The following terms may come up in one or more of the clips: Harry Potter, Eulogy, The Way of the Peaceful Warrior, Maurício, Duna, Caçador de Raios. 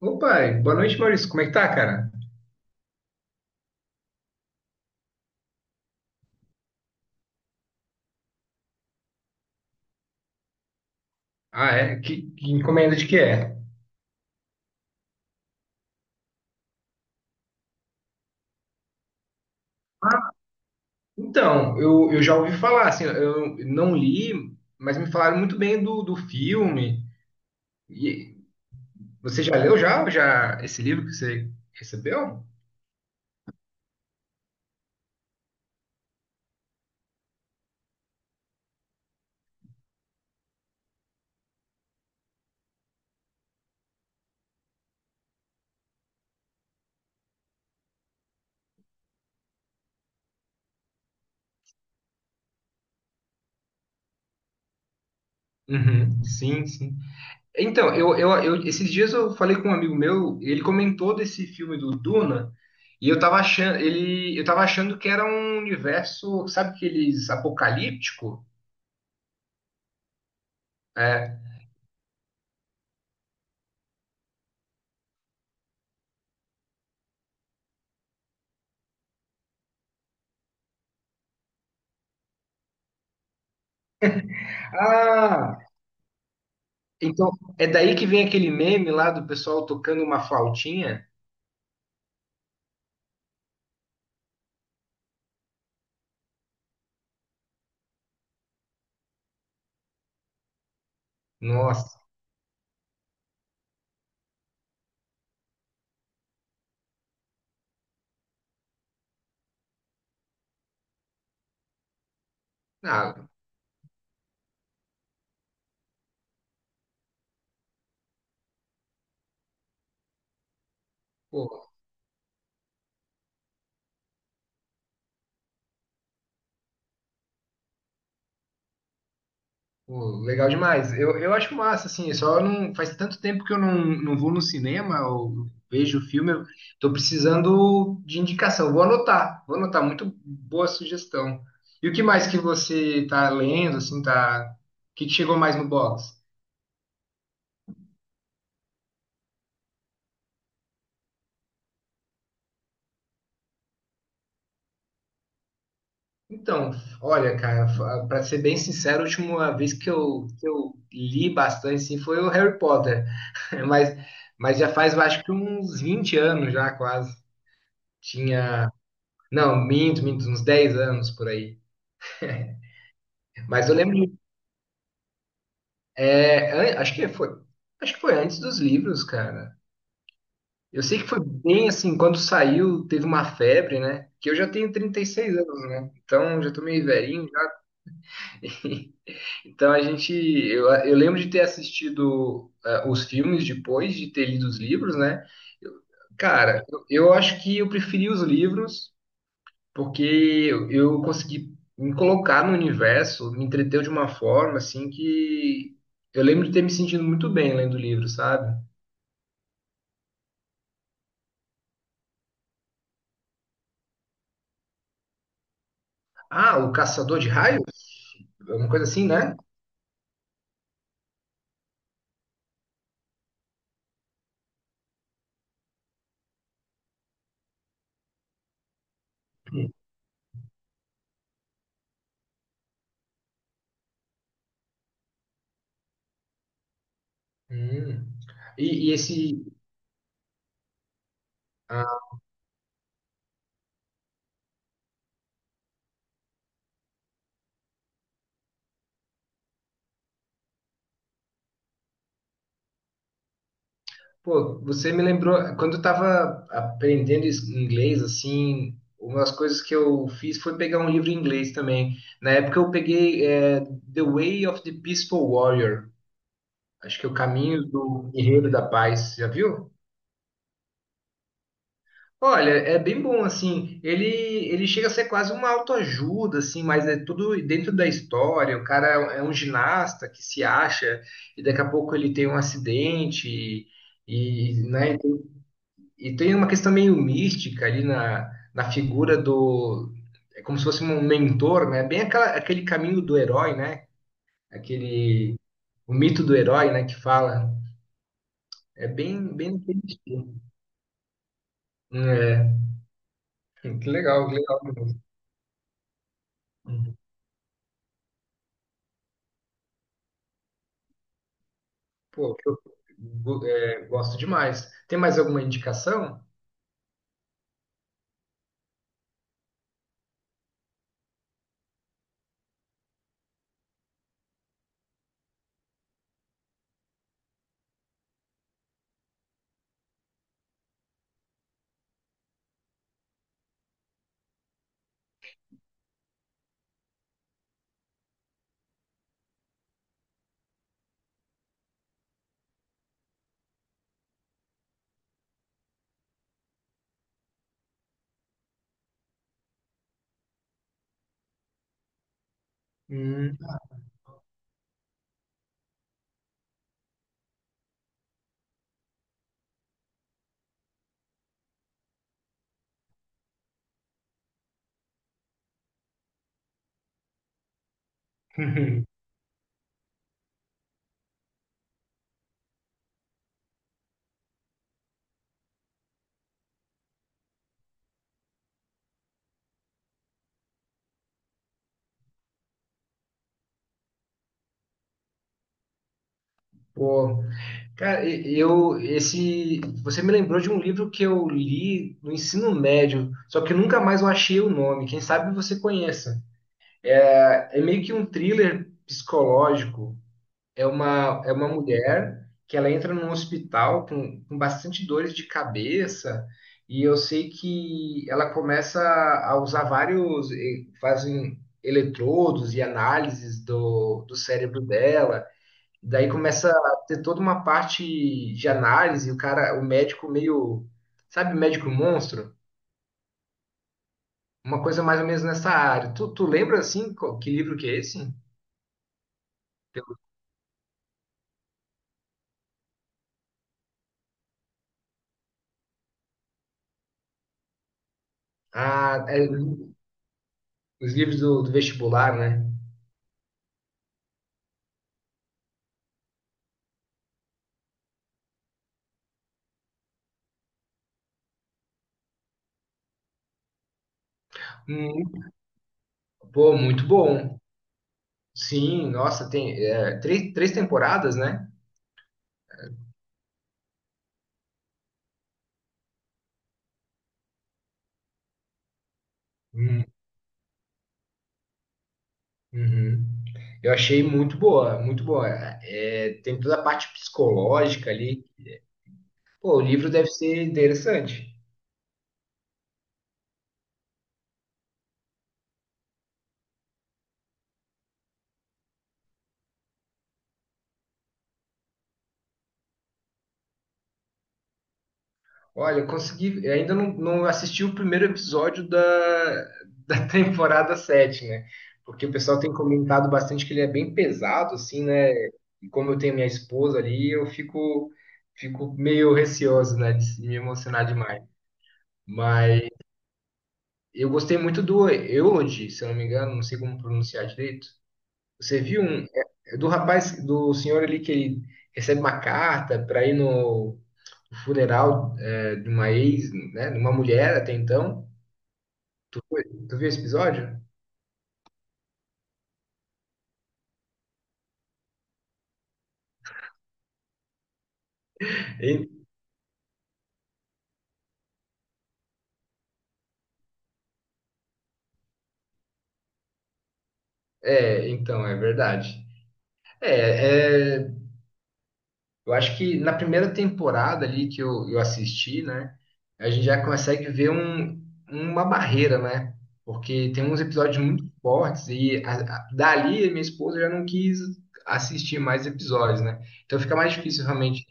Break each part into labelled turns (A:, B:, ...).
A: Opa, boa noite, Maurício. Como é que tá, cara? Ah, é? Que encomenda de que é? Ah. Então, eu já ouvi falar, assim, eu não li, mas me falaram muito bem do filme. E você já leu já esse livro que você recebeu? Uhum, sim, sim. Então, esses dias eu falei com um amigo meu, ele comentou desse filme do Duna, e eu tava achando que era um universo, sabe, aqueles apocalíptico? É. Ah. Então, é daí que vem aquele meme lá do pessoal tocando uma flautinha. Nossa, ah, pô, pô, legal demais. Eu acho massa, assim, só não faz tanto tempo que eu não vou no cinema ou vejo filme. Eu tô precisando de indicação. Vou anotar, vou anotar. Muito boa sugestão. E o que mais que você tá lendo, assim, tá? O que que chegou mais no box? Então, olha, cara, pra ser bem sincero, a última vez que eu li bastante, assim, foi o Harry Potter. Mas, mas já faz, eu acho que uns 20 anos já, quase. Tinha. Não, minto, minto, uns 10 anos por aí. Mas eu lembro. É, acho que foi. Acho que foi antes dos livros, cara. Eu sei que foi bem assim, quando saiu, teve uma febre, né? Que eu já tenho 36 anos, né? Então já tô meio velhinho. Então, eu lembro de ter assistido os filmes depois de ter lido os livros, né? Eu- Cara, eu acho que eu preferi os livros porque eu consegui me colocar no universo, me entreteu de uma forma assim que eu lembro de ter me sentido muito bem lendo o livro, sabe? Ah, o Caçador de Raios? Uma coisa assim, né? Hum. E esse. Ah, pô, você me lembrou. Quando eu tava aprendendo inglês, assim, uma das coisas que eu fiz foi pegar um livro em inglês também. Na época eu peguei The Way of the Peaceful Warrior. Acho que é o caminho do guerreiro da paz. Já viu? Olha, é bem bom, assim, ele chega a ser quase uma autoajuda, assim, mas é tudo dentro da história, o cara é um ginasta que se acha e daqui a pouco ele tem um acidente e, né, e tem uma questão meio mística ali na figura do, é como se fosse um mentor, né, bem aquele caminho do herói, né, aquele, o mito do herói, né, que fala, é bem, bem, é, que legal mesmo. Pô, que eu gosto demais. Tem mais alguma indicação? Hum. Pô, cara, e- eu esse você me lembrou de um livro que eu li no ensino médio, só que eu nunca mais eu achei o nome. Quem sabe você conheça. É meio que um thriller psicológico. É uma mulher que ela entra num hospital com, bastante dores de cabeça, e eu sei que ela começa a usar vários, fazem eletrodos e análises do cérebro dela. Daí começa a ter toda uma parte de análise, o médico meio, sabe, médico monstro? Uma coisa mais ou menos nessa área. Tu lembra assim, que livro que é esse? Ah, é, os livros do vestibular, né? Um Pô, muito bom. Sim, nossa, tem três temporadas, né? Hum, uhum. Eu achei muito boa, muito boa. É, tem toda a parte psicológica ali. Pô, o livro deve ser interessante. Olha, eu consegui. Eu ainda não assisti o primeiro episódio da, temporada 7, né? Porque o pessoal tem comentado bastante que ele é bem pesado, assim, né? E como eu tenho minha esposa ali, eu fico meio receoso, né? De me emocionar demais. Eu gostei muito do Eulogy, se eu não me engano, não sei como pronunciar direito. Você viu, é do rapaz, do senhor ali que ele recebe uma carta para ir no funeral, de uma ex, né, de uma mulher até então. Tu viu esse episódio? En- É, então, é verdade. É, eu acho que na primeira temporada ali que eu assisti, né, a gente já consegue ver uma barreira, né? Porque tem uns episódios muito fortes e dali minha esposa já não quis assistir mais episódios, né? Então fica mais difícil realmente,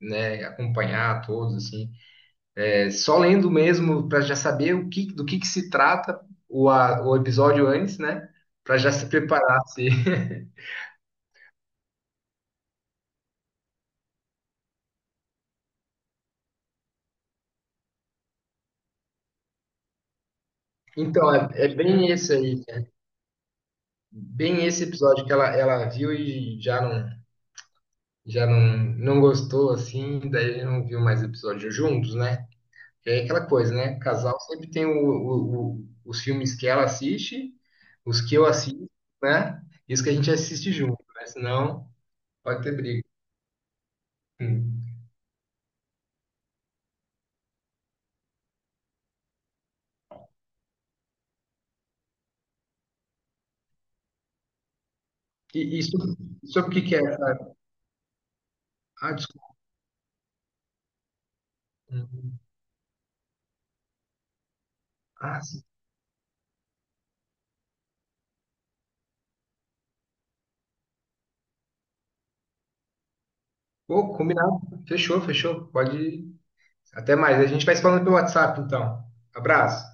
A: né, acompanhar todos assim. É, só lendo mesmo para já saber do que se trata o episódio antes, né? Para já se preparar. Se... Então é bem isso aí. Bem esse episódio que ela viu e já não, não gostou, assim, daí não viu mais episódios juntos, né? É aquela coisa, né? Casal sempre tem os filmes que ela assiste, os que eu assisto, né? E os que a gente assiste junto, né? Senão pode ter briga. Hum. E sobre o que que é? Ah, desculpa. Hum. Ah, sim. Pô, combinado. Fechou, fechou. Pode ir. Até mais. A gente vai se falando pelo WhatsApp, então. Abraço.